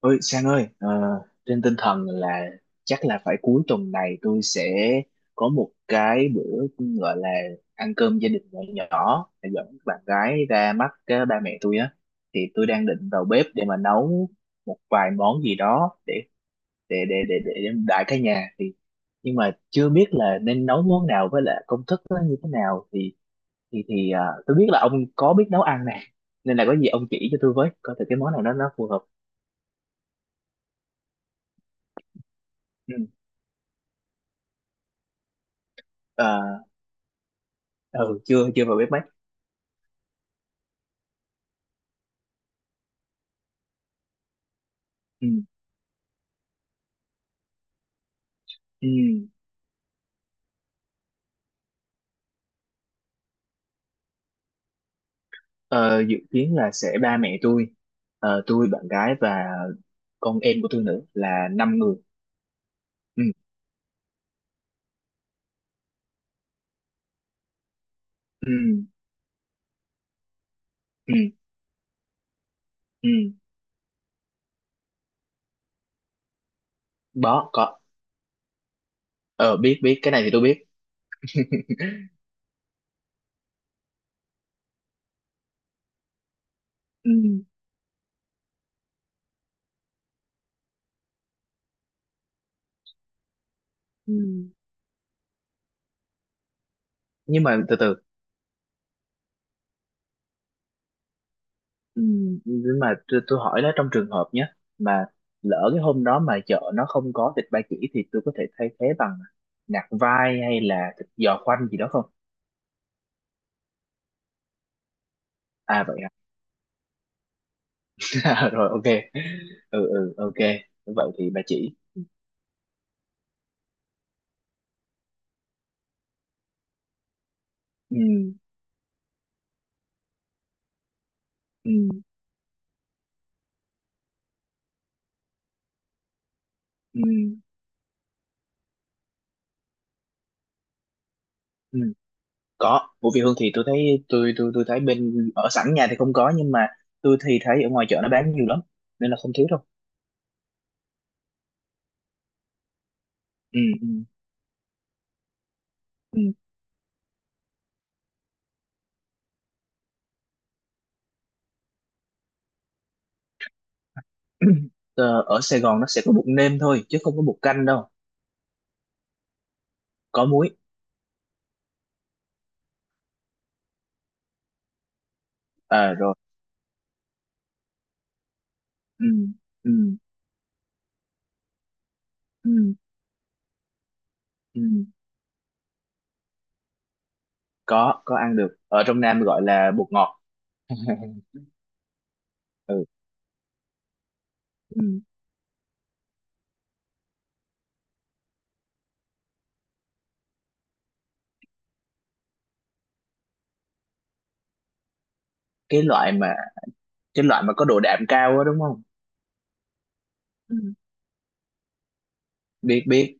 Ôi Sang ơi, trên tinh thần là chắc là phải cuối tuần này tôi sẽ có một cái bữa gọi là ăn cơm gia đình nhỏ nhỏ để dẫn bạn gái ra mắt ba mẹ tôi á. Thì tôi đang định vào bếp để mà nấu một vài món gì đó để đãi cả nhà. Thì nhưng mà chưa biết là nên nấu món nào với lại công thức nó như thế nào, thì tôi biết là ông có biết nấu ăn nè, nên là có gì ông chỉ cho tôi với, coi thử cái món nào đó nó phù hợp. Ừ. ờ, ừ, chưa chưa vào bếp bách. Ừ. Ừ. Ờ, Dự kiến là sẽ ba mẹ tôi, tôi, bạn gái và con em của tôi nữa, là năm người. Ừ. Ừ. Ừ. Ừ. Đó có ờ biết biết cái này thì tôi biết. Ừ, ừ. Nhưng mà từ từ. Ừ. Nhưng mà tôi hỏi nó trong trường hợp nhé, mà lỡ cái hôm đó mà chợ nó không có thịt ba chỉ thì tôi có thể thay thế bằng nạc vai hay là thịt giò khoanh gì đó không? À vậy. Rồi, ok. Ừ, ừ, ok. Vậy thì bà chỉ. Ừ, ừ, ừ, ừ. Có Vũ Việt Hương thì tôi thấy, tôi thấy bên ở sẵn nhà thì không có, nhưng mà tôi thì thấy ở ngoài chợ nó bán nhiều lắm, nên là không thiếu đâu. Ừ, ừ, ừ. Ờ, ở Sài Gòn nó sẽ có bột nêm thôi chứ không có bột canh đâu. Có muối. À, rồi. Ừ, ừ, ừ, ừ. Có ăn được, ở trong Nam gọi là bột ngọt. Ừ. Ừ, cái loại mà cái loại mà có độ đạm cao á, đúng không? Biết biết.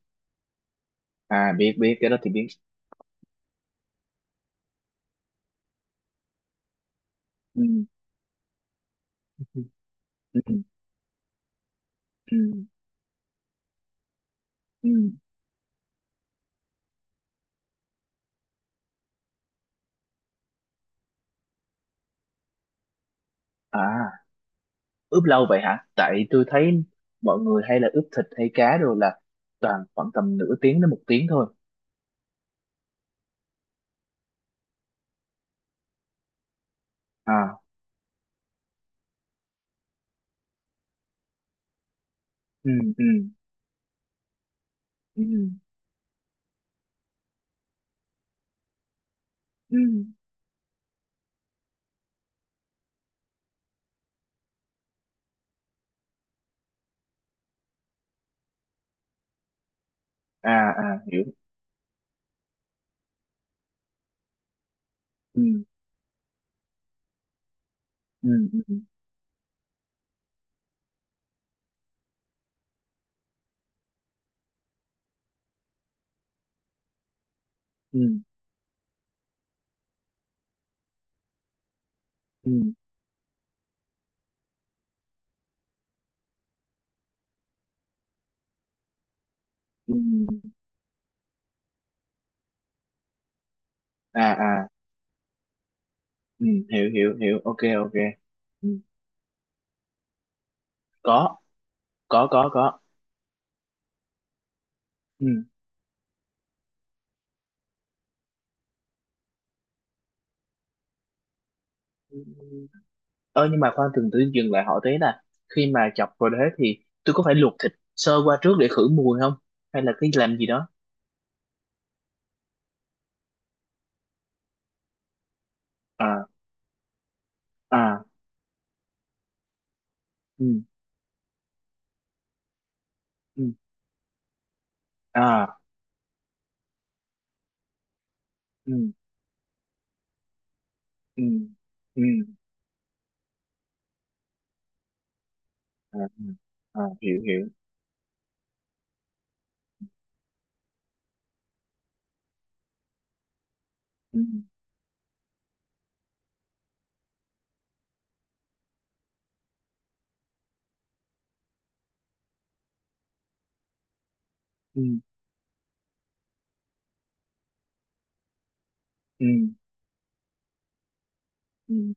À, biết biết cái đó thì biết. Ừ. Ừ. Ừ, ừ, ừ. À, ướp lâu vậy hả? Tại tôi thấy mọi người hay là ướp thịt hay cá rồi là toàn khoảng tầm nửa tiếng đến một tiếng thôi. À. Ừ, ừ, ừ. À, à, hiểu. Ừ, ừ, ừ, ừ, ừ, ừ. Ừ. À, à, ừ, hiểu hiểu hiểu, ok, ok. Ừ. Có, có, có, có. Ừ. Nhưng mà khoan, từng tự, dừng lại hỏi thế là khi mà chọc vào đế thì tôi có phải luộc thịt sơ qua trước để khử mùi không? Hay là cái làm gì đó? À, à, ừ, ừ. À, ừ, ừ, ừ. À, ừ. À, hiểu hiểu. Ừ, ừ, ừ, ừ.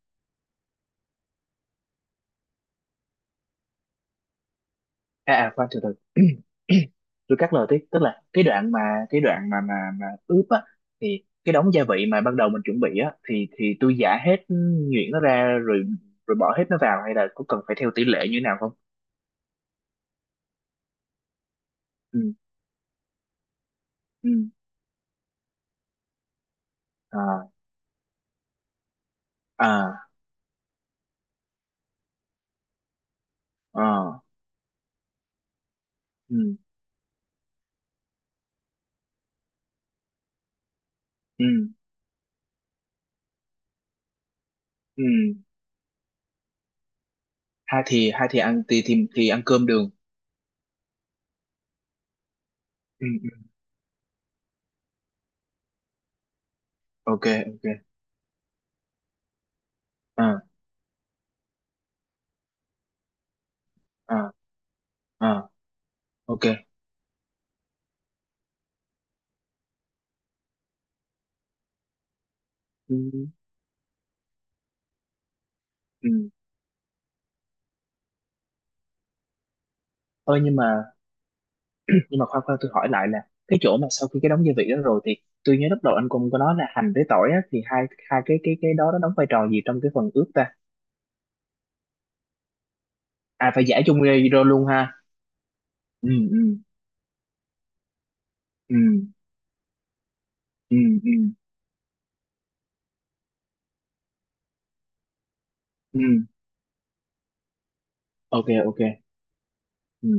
À, à, khoan từ từ. Tôi cắt lời tiếp, tức là cái đoạn mà, cái đoạn mà ướp á, thì cái đống gia vị mà ban đầu mình chuẩn bị á, thì tôi giả hết nhuyễn nó ra rồi, bỏ hết nó vào, hay là có cần phải theo tỷ lệ như thế nào không? Ừ. Ừ, à, à, à, ừ, ừ, ừ. Hai thì ăn thì ăn cơm đường. Ừ, ừ, ok, ok. À, à, à, ok. Ừ, ừ. Thôi, nhưng mà khoan khoan, tôi hỏi lại là cái chỗ mà sau khi cái đóng gia vị đó rồi thì tôi nhớ lúc đầu anh cũng có nói là hành với tỏi á, thì hai hai cái đó nó đóng vai trò gì trong cái phần ướp ta? À, phải giả chung ra vô luôn ha? Ừ, ừ, ừ, ừ, ừ, ừ, ok, ok. Ừ,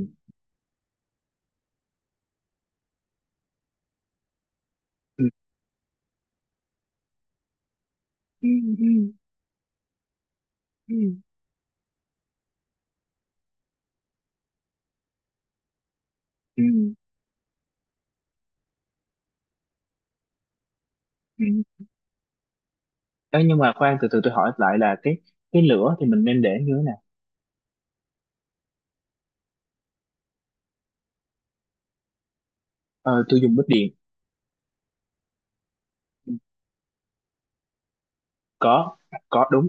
ừ, ừ, ừ, ừ, ừ. Ừ. Ê, nhưng mà khoan từ từ, tôi hỏi lại là cái lửa thì mình nên để như thế nào? Ờ, tôi dùng bếp điện. Có, có đúng,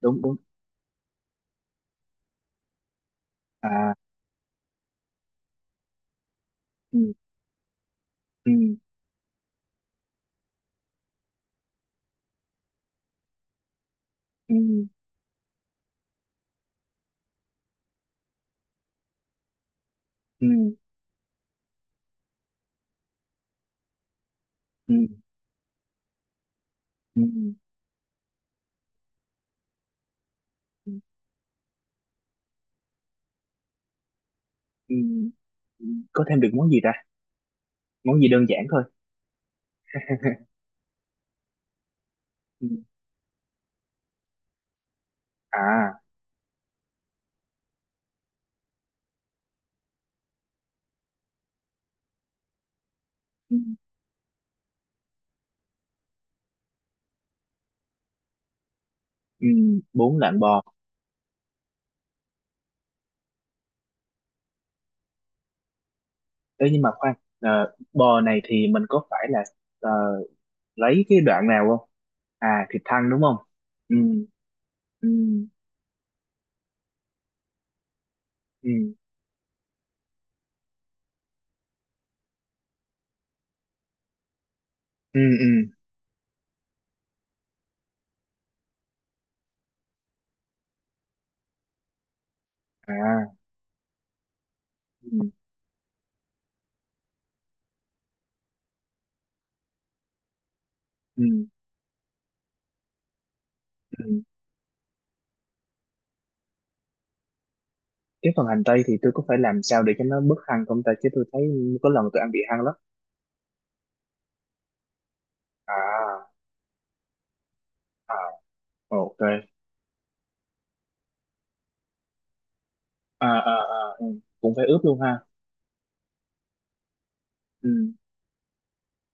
đúng đúng. À, ừ, ừ, ừ, ừ, ừ, ừ, ừ, ừ. Có thêm được món gì ta? Món gì đơn giản thôi. Ừ. À, ừ, ừ, 4 lạng bò. Ê, nhưng mà khoan, bò này thì mình có phải là ờ, lấy cái đoạn nào không? À, thịt thăn đúng không? Ừ, ừ, ừ, ừ, ừ. À, ừ, ừ. Ừ. Cái phần hành tây thì tôi có phải làm sao để cho nó bớt hăng không ta? Chứ tôi thấy có lần tôi ăn bị hăng lắm. À, à, ok. À, à, à, ừ. Cũng phải ướp luôn ha? Ừ,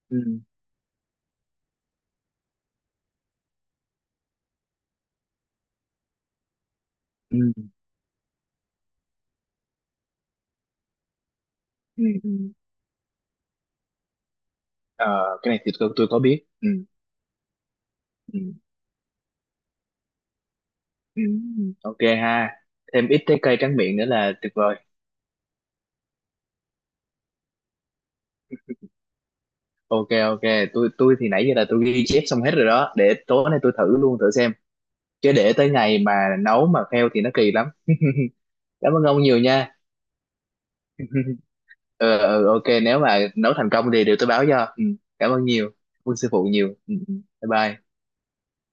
ừ, ừ, ừ, ừ. Ờ, cái này thì tôi có biết. Ừ, ừ. Ừ. Ok ha. Thêm ít trái cây tráng miệng nữa là tuyệt vời. Ok, ok. Tôi thì nãy giờ là tôi ghi chép xong hết rồi đó, để tối nay tôi thử luôn, thử xem, chứ để tới ngày mà nấu mà fail thì nó kỳ lắm. Cảm ơn ông nhiều nha. Ờ ừ, ok, nếu mà nấu thành công thì đều tôi báo cho. Ừ. Cảm ơn nhiều, cảm ơn sư phụ nhiều. Ừ. Ừ. Bye bye.